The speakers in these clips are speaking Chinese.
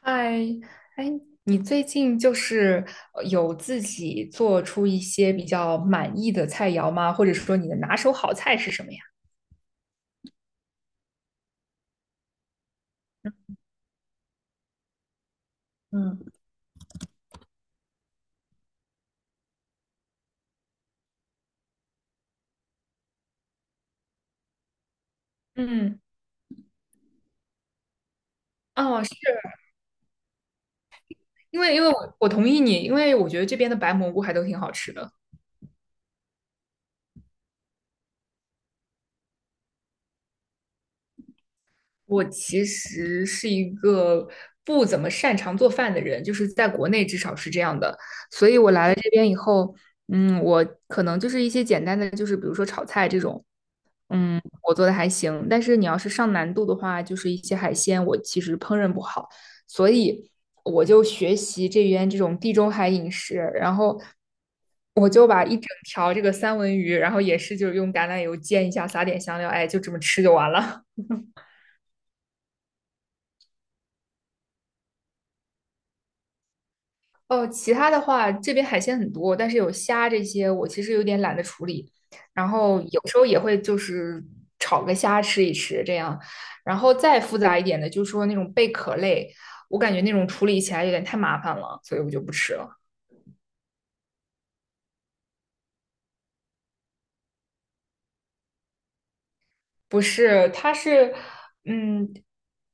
嗨，哎，你最近就是有自己做出一些比较满意的菜肴吗？或者说你的拿手好菜是什么呀？嗯，嗯，哦，是因为我同意你，因为我觉得这边的白蘑菇还都挺好吃的。我其实是一个不怎么擅长做饭的人，就是在国内至少是这样的，所以我来了这边以后，嗯，我可能就是一些简单的，就是比如说炒菜这种，嗯，我做的还行，但是你要是上难度的话，就是一些海鲜，我其实烹饪不好，所以我就学习这边这种地中海饮食，然后我就把一整条这个三文鱼，然后也是就是用橄榄油煎一下，撒点香料，哎，就这么吃就完了。哦，其他的话，这边海鲜很多，但是有虾这些，我其实有点懒得处理。然后有时候也会就是炒个虾吃一吃这样。然后再复杂一点的，就是说那种贝壳类，我感觉那种处理起来有点太麻烦了，所以我就不吃了。不是，它是，嗯，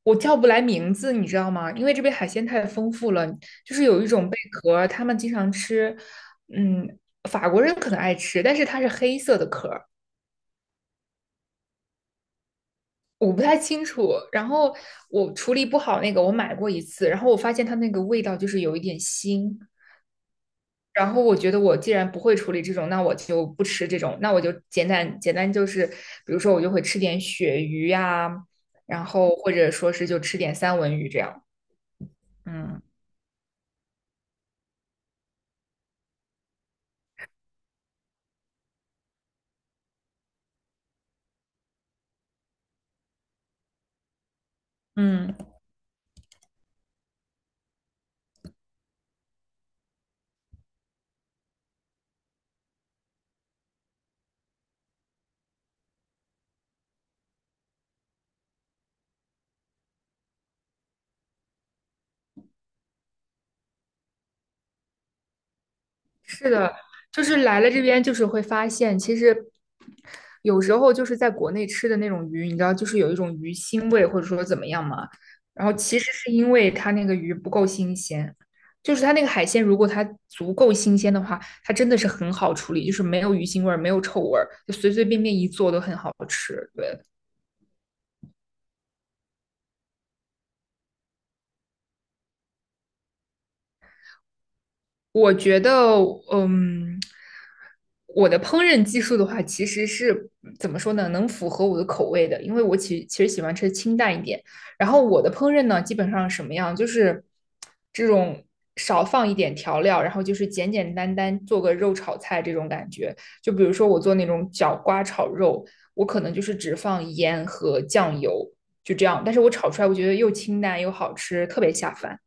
我叫不来名字，你知道吗？因为这边海鲜太丰富了，就是有一种贝壳，他们经常吃，嗯，法国人可能爱吃，但是它是黑色的壳。我不太清楚。然后我处理不好那个，我买过一次，然后我发现它那个味道就是有一点腥。然后我觉得我既然不会处理这种，那我就不吃这种，那我就简单简单就是，比如说我就会吃点鳕鱼呀、然后或者说是就吃点三文鱼这样。嗯嗯。是的，就是来了这边，就是会发现，其实有时候就是在国内吃的那种鱼，你知道，就是有一种鱼腥味，或者说怎么样嘛。然后其实是因为它那个鱼不够新鲜，就是它那个海鲜，如果它足够新鲜的话，它真的是很好处理，就是没有鱼腥味儿，没有臭味儿，就随随便便一做都很好吃。对，我觉得，嗯，我的烹饪技术的话，其实是怎么说呢，能符合我的口味的，因为我其实喜欢吃清淡一点。然后我的烹饪呢，基本上什么样，就是这种少放一点调料，然后就是简简单单做个肉炒菜这种感觉。就比如说我做那种角瓜炒肉，我可能就是只放盐和酱油，就这样。但是我炒出来，我觉得又清淡又好吃，特别下饭。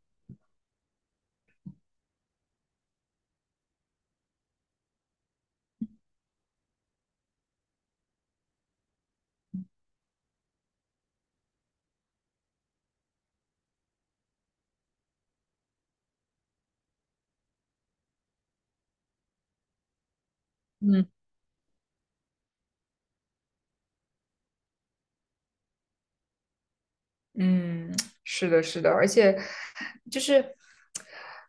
嗯，嗯，是的，是的，而且就是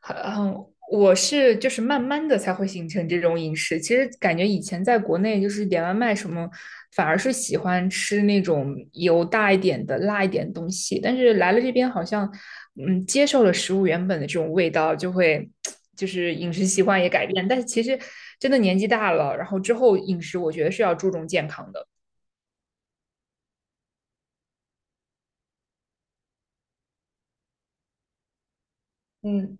很很，我是就是慢慢的才会形成这种饮食。其实感觉以前在国内就是点外卖什么，反而是喜欢吃那种油大一点的、辣一点的东西。但是来了这边，好像接受了食物原本的这种味道，就会就是饮食习惯也改变。但是其实真的年纪大了，然后之后饮食，我觉得是要注重健康的。嗯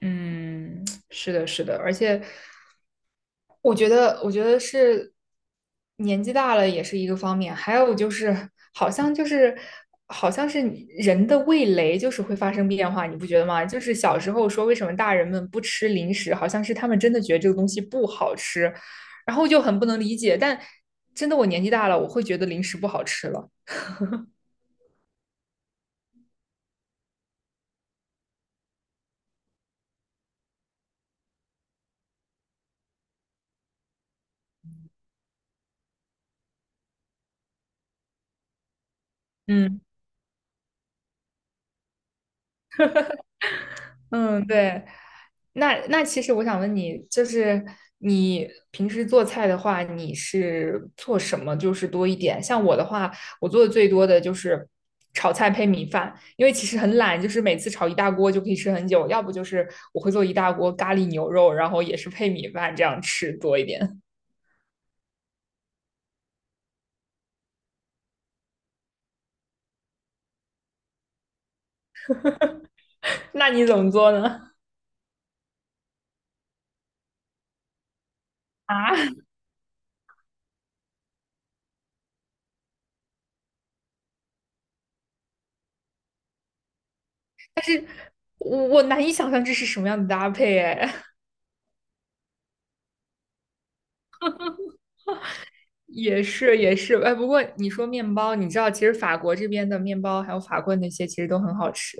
嗯，是的，是的，而且我觉得是年纪大了也是一个方面，还有就是，好像就是，好像是你人的味蕾就是会发生变化，你不觉得吗？就是小时候说为什么大人们不吃零食，好像是他们真的觉得这个东西不好吃，然后就很不能理解。但真的我年纪大了，我会觉得零食不好吃了。嗯嗯，对。那其实我想问你，就是你平时做菜的话，你是做什么就是多一点？像我的话，我做的最多的就是炒菜配米饭，因为其实很懒，就是每次炒一大锅就可以吃很久，要不就是我会做一大锅咖喱牛肉，然后也是配米饭这样吃多一点。那你怎么做呢？啊，我难以想象这是什么样的搭配哎。也是也是，哎，不过你说面包，你知道其实法国这边的面包还有法棍那些其实都很好吃。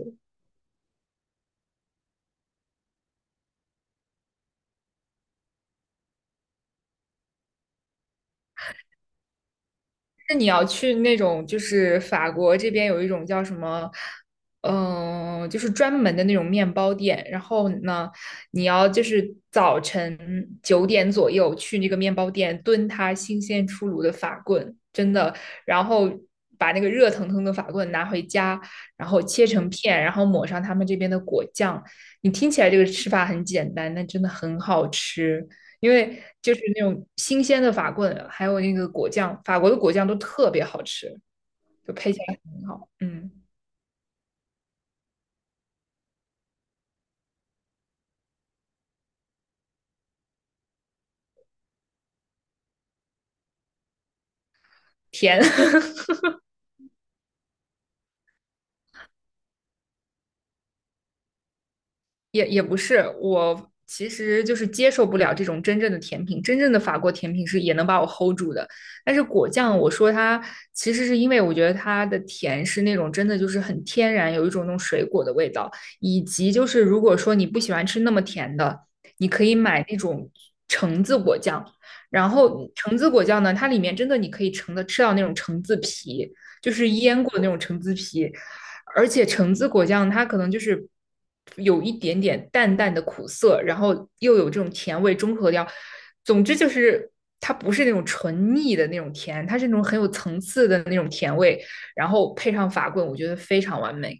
那你要去那种，就是法国这边有一种叫什么，就是专门的那种面包店。然后呢，你要就是早晨9点左右去那个面包店蹲它新鲜出炉的法棍，真的。然后把那个热腾腾的法棍拿回家，然后切成片，然后抹上他们这边的果酱。你听起来这个吃法很简单，但真的很好吃。因为就是那种新鲜的法棍，还有那个果酱，法国的果酱都特别好吃，就配起来很好。嗯，甜。也不是，我其实就是接受不了这种真正的甜品。真正的法国甜品是也能把我 hold 住的，但是果酱，我说它其实是因为我觉得它的甜是那种真的就是很天然，有一种那种水果的味道，以及就是如果说你不喜欢吃那么甜的，你可以买那种橙子果酱。然后橙子果酱呢，它里面真的你可以橙的吃到那种橙子皮，就是腌过的那种橙子皮。而且橙子果酱它可能就是有一点点淡淡的苦涩，然后又有这种甜味中和掉。总之就是它不是那种纯腻的那种甜，它是那种很有层次的那种甜味，然后配上法棍，我觉得非常完美。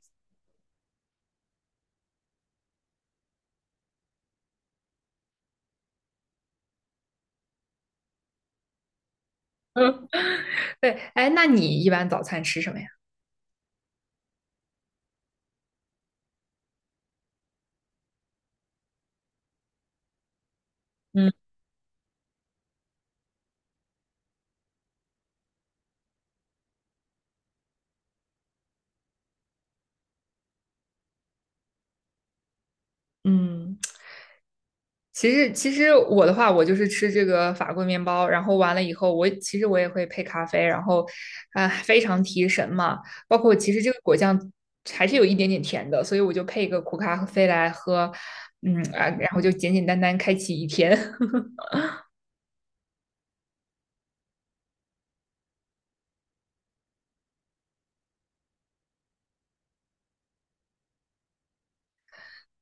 嗯，对，哎，那你一般早餐吃什么呀？嗯嗯，其实我的话，我就是吃这个法棍面包，然后完了以后，我其实我也会配咖啡，然后，啊、非常提神嘛。包括其实这个果酱还是有一点点甜的，所以我就配一个苦咖啡来喝，然后就简简单单开启一天。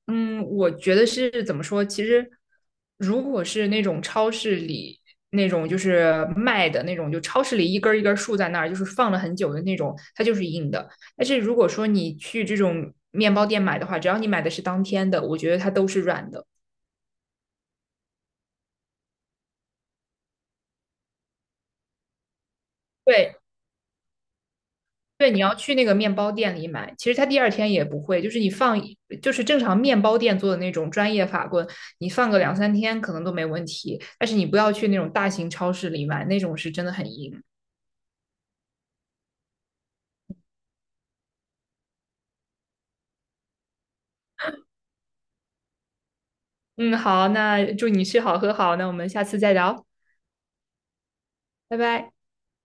嗯，我觉得是怎么说？其实，如果是那种超市里那种就是卖的那种，就超市里一根儿一根儿竖在那儿，就是放了很久的那种，它就是硬的。但是如果说你去这种面包店买的话，只要你买的是当天的，我觉得它都是软的。对对，你要去那个面包店里买，其实它第二天也不会，就是你就是正常面包店做的那种专业法棍，你放个两三天可能都没问题。但是你不要去那种大型超市里买，那种是真的很硬。嗯，好，那祝你吃好喝好，那我们下次再聊，拜拜。